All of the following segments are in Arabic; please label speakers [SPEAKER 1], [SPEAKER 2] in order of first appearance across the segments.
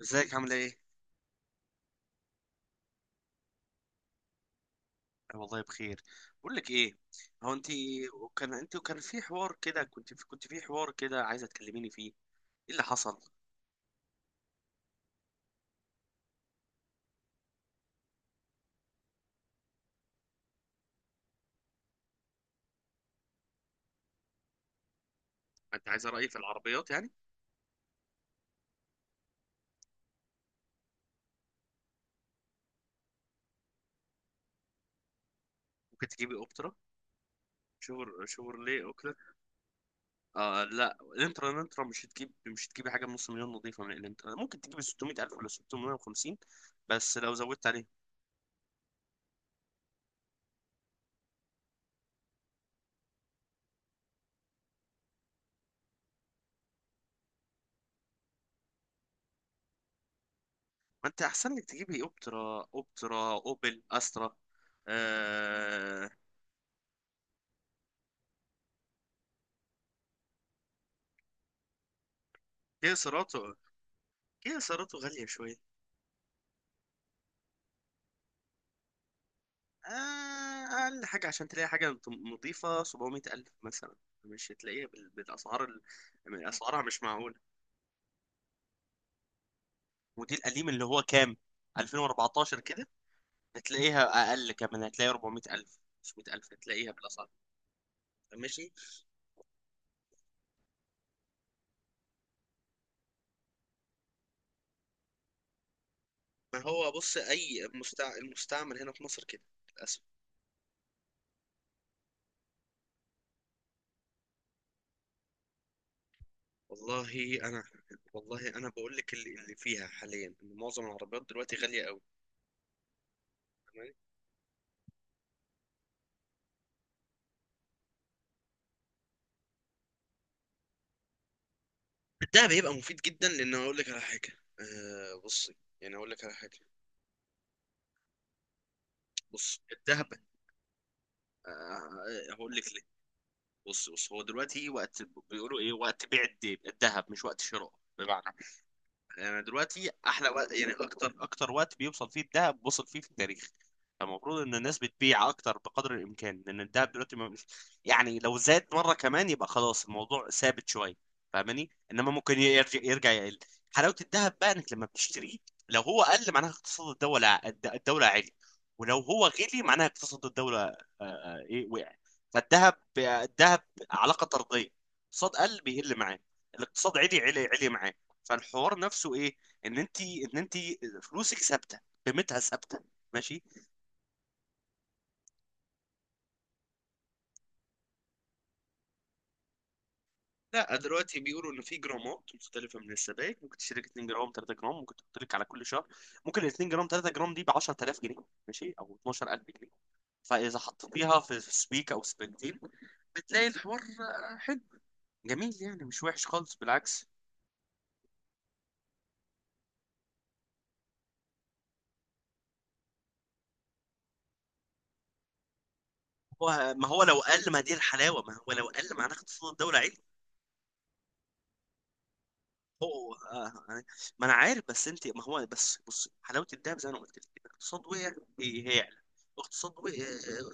[SPEAKER 1] ازيك عامله ايه؟ أنا والله بخير. بقول لك ايه، هو انت وكان في حوار كده، كنت في حوار كده عايزه تكلميني فيه. ايه اللي حصل؟ انت عايزه رايي في العربيات يعني؟ ممكن تجيبي اوبترا، شور شيفروليه اوكترا. آه لا، الانترا الانترا مش هتجيبي حاجه بنص مليون نظيفه. من الانترا ممكن تجيبي 600000 ولا 650، بس لو زودت عليهم. ما انت احسن لك تجيبي اوبترا، اوبل استرا. آه. كيا سيراتو. كيا سيراتو غاليه شويه. آه، أقل حاجة عشان تلاقي حاجة نظيفة 700 ألف مثلا. مش هتلاقيها بالأسعار من أسعارها مش معقولة. ودي القديم اللي هو كام، 2014 كده. هتلاقيها أقل كمان، هتلاقي 400 ألف 500 ألف، هتلاقيها بالأسعار. ماشي. ما هو بص، أي المستعمل هنا في مصر كده، للأسف. والله أنا والله أنا بقول لك اللي فيها حاليا إن معظم العربيات دلوقتي غالية قوي. تمام؟ ده بيبقى مفيد جدا، لأن أقول لك على حاجة. أه، بصي، يعني أقول لك على حاجة. بص، الذهب. هقول لك ليه. بص بص، هو دلوقتي إيه وقت؟ بيقولوا ايه، وقت بيع الذهب مش وقت شراء. بمعنى، يعني دلوقتي احلى وقت، يعني اكتر وقت بيوصل فيه الذهب، وصل فيه في التاريخ. فالمفروض ان الناس بتبيع اكتر بقدر الامكان، لان الذهب دلوقتي ما... يعني لو زاد مره كمان يبقى خلاص الموضوع ثابت شويه، فاهماني، انما ممكن يرجع، يقل. حلاوه الذهب بقى انك لما بتشتريه، لو هو قل معناها اقتصاد الدوله الدوله عالي، ولو هو غلي معناها اقتصاد الدوله، ايه، وقع. فالذهب علاقه طرديه. اقتصاد قل، بيقل معاه. الاقتصاد عالي، عالي عالي معاه. فالحوار نفسه ايه؟ ان انت فلوسك ثابته، قيمتها ثابته. ماشي. لا دلوقتي بيقولوا ان في جرامات مختلفه من السبائك، ممكن تشترك 2 جرام 3 جرام. ممكن تحط لك على كل شهر، ممكن ال 2 جرام 3 جرام دي ب 10000 جنيه، ماشي، او 12000 جنيه. فاذا حطيتيها في سبيك او سبيكتين، بتلاقي الحوار حلو، جميل، يعني مش وحش خالص، بالعكس. هو ما هو لو قل، ما دي الحلاوه. ما هو لو قل، ما هناخد صوت الدوله عيد. هو آه، يعني، ما انا عارف. بس انت، ما هو بس بص، حلاوه الدهب زي ما انا قلت لك، الاقتصاد وقع، هيعلى. اقتصاد وقع- آه،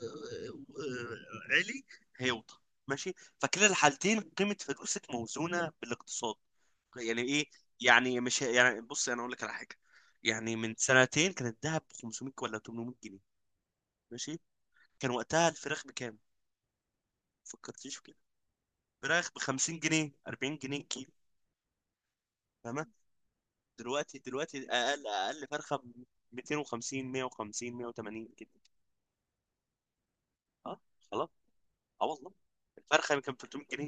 [SPEAKER 1] آه، آه، عالي، هيوطى. ماشي. فكلا الحالتين قيمه فلوسك موزونه بالاقتصاد. يعني ايه، يعني مش يعني بص انا اقول لك على حاجه. يعني من سنتين كان الدهب ب 500 ولا 800 جنيه، ماشي. كان وقتها الفراخ بكام؟ ما فكرتيش في كده. فراخ ب 50 جنيه 40 جنيه كيلو. تمام. دلوقتي اقل فرخه ب 250، 150، 180 كده. اه. خلاص. اه والله. الفرخه يمكن 300 جنيه.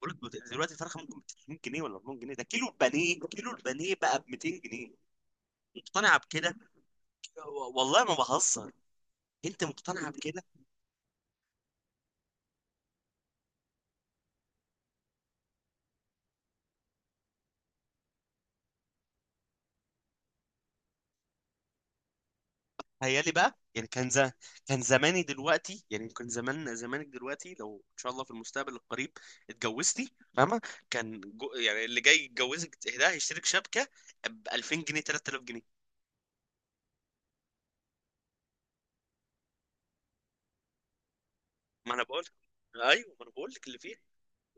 [SPEAKER 1] بقول لك دلوقتي الفرخه ممكن ب 300 جنيه ولا 400 جنيه. ده كيلو البانيه، كيلو البانيه بقى ب 200 جنيه. مقتنعه بكده؟ والله ما بهزر. انت مقتنعه بكده؟ تخيلي بقى، يعني كان كان زماني دلوقتي، يعني كان زمان، زمانك دلوقتي لو ان شاء الله في المستقبل القريب اتجوزتي، فاهمه، كان يعني اللي جاي يتجوزك ده هيشترك شبكه ب 2000 جنيه 3000 جنيه. ما انا بقول، ايوه ما انا بقول لك اللي فيه.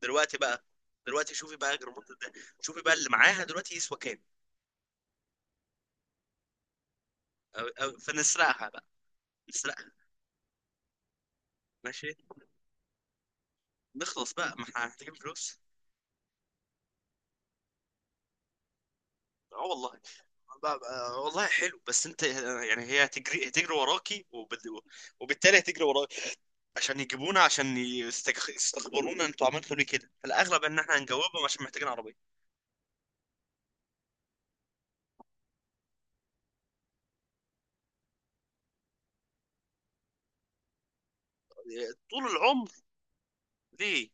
[SPEAKER 1] دلوقتي بقى، دلوقتي شوفي بقى جرامات ده، شوفي بقى اللي معاها دلوقتي يسوى كام. فنسرقها بقى. نسرقها. ماشي. نخلص بقى، ما احنا محتاجين فلوس. اه والله. والله حلو، بس انت يعني هي هتجري وراكي، وبالتالي هتجري وراكي عشان يجيبونا، عشان يستخبرونا انتوا عملتوا ليه كده. فالاغلب ان احنا هنجاوبهم عشان محتاجين عربيه. طول العمر. ليه؟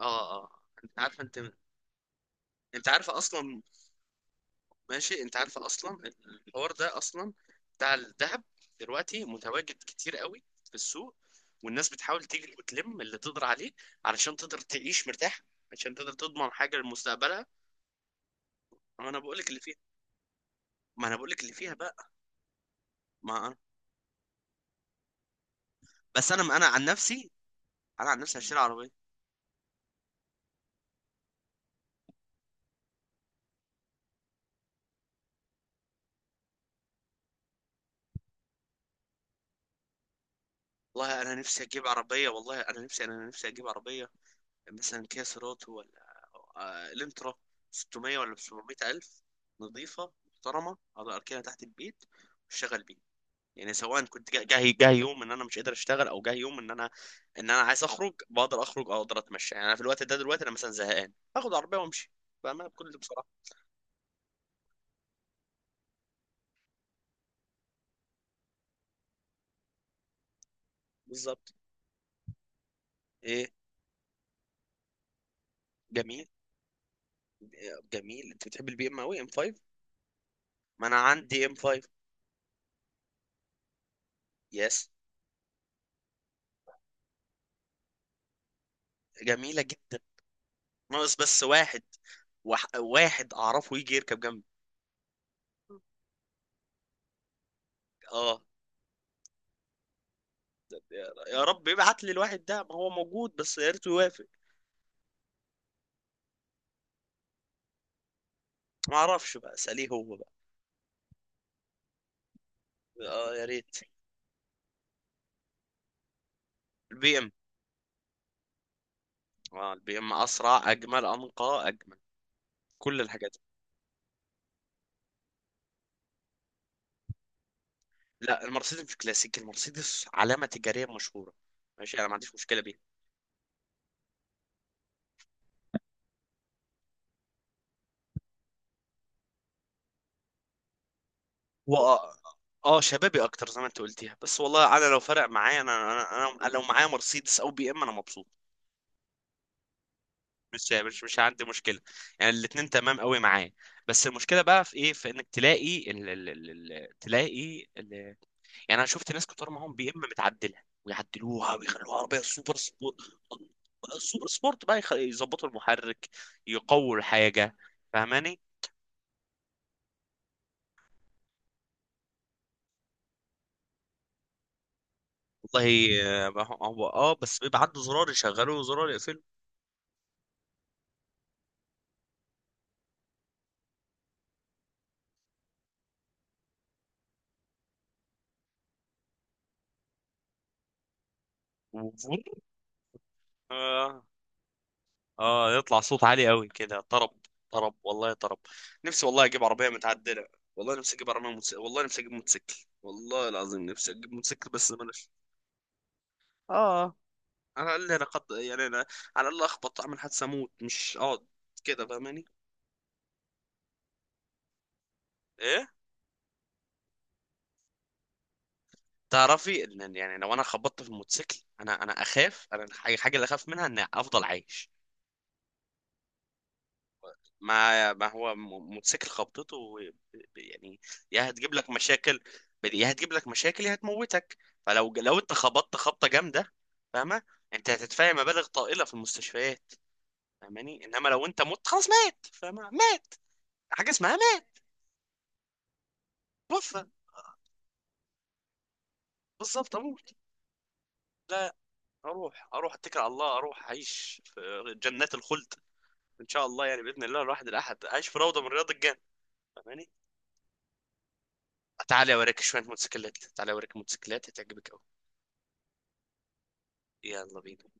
[SPEAKER 1] اه اه، انت عارف، انت عارفه اصلا. ماشي، انت عارفه اصلا. الحوار ده اصلا بتاع الذهب دلوقتي متواجد كتير قوي في السوق، والناس بتحاول تجري وتلم اللي تقدر عليه علشان تقدر تعيش مرتاح، عشان تقدر تضمن حاجه لمستقبلها. انا بقول لك اللي فيها. ما انا بقول لك اللي فيها بقى ما انا بس انا عن نفسي، انا عن نفسي هشتري عربيه. والله انا نفسي اجيب عربيه، والله انا نفسي انا نفسي اجيب عربيه مثلا، كيا سيراتو ولا الانترا، 600 ولا 700 الف، نظيفه محترمه اقدر اركنها تحت البيت واشتغل بيها. يعني سواء كنت جاي يوم ان انا مش قادر اشتغل، او جاي يوم ان انا عايز اخرج، بقدر اخرج، او اقدر اتمشى. يعني انا في الوقت ده دلوقتي انا مثلا زهقان، اخد عربيه وامشي، فاهمها، بكل بصراحه. بالظبط. ايه جميل، جميل. انت بتحب البي ام قوي، ام 5. ما انا عندي ام 5. يس. جميله جدا، ناقص بس واحد، واحد اعرفه يجي يركب جنبي. اه. يا رب يبعت لي الواحد ده، ما هو موجود بس يا ريته يوافق. ما اعرفش بقى، اساليه هو بقى. اه يا ريت. البي ام. اه البي ام اسرع، اجمل، انقى، اجمل، كل الحاجات دي. لا، المرسيدس مش كلاسيك، المرسيدس علامه تجاريه مشهوره. ماشي، انا ما عنديش مشكله بيها. و اه، شبابي اكتر زي ما انت قلتيها. بس والله انا لو فرق معايا، انا لو معايا مرسيدس او بي ام، انا مبسوط. مش عندي مشكله، يعني الاتنين تمام قوي معايا. بس المشكله بقى في ايه، في انك تلاقي ال ال ال ال تلاقي ال... يعني انا شفت ناس كتار معاهم بي ام متعدله، ويعدلوها ويخلوها عربيه سوبر سبورت. سوبر سبورت بقى يظبطوا المحرك، يقووا الحاجه، فاهماني. والله آه، هو اه بس بيبقى عنده زرار يشغله وزرار يقفله. وفور. اه يطلع صوت عالي قوي كده، طرب. طرب والله، طرب. نفسي والله اجيب عربيه متعدله. والله نفسي اجيب عربيه والله نفسي اجيب موتوسيكل، والله العظيم نفسي اجيب موتوسيكل، بس بلاش. اه، على الاقل انا قد يعني انا، على الاقل اخبط، اعمل حادثه، اموت، مش اقعد كده، فاهماني. ايه. تعرفي ان، يعني لو انا خبطت في الموتوسيكل، انا اخاف، انا الحاجه الحاجة اللي اخاف منها ان افضل عايش. ما ما هو م- موتوسيكل خبطته، يعني يا هتجيب لك مشاكل، يا هتموتك. فلو انت خبطت خبطه جامده، فاهمه، انت هتدفعي مبالغ طائله في المستشفيات، فاهماني، انما لو انت مت خلاص مات، فاهمه، مات. حاجه اسمها مات. توفى، بالظبط، اموت. لا، اروح اتكل على الله، اروح اعيش في جنات الخلد ان شاء الله، يعني باذن الله الواحد الاحد اعيش في روضه من رياض الجنه، فاهماني. تعالى اوريك شويه موتوسيكلات، تعالى اوريك موتوسيكلات هتعجبك أوي. يلا بينا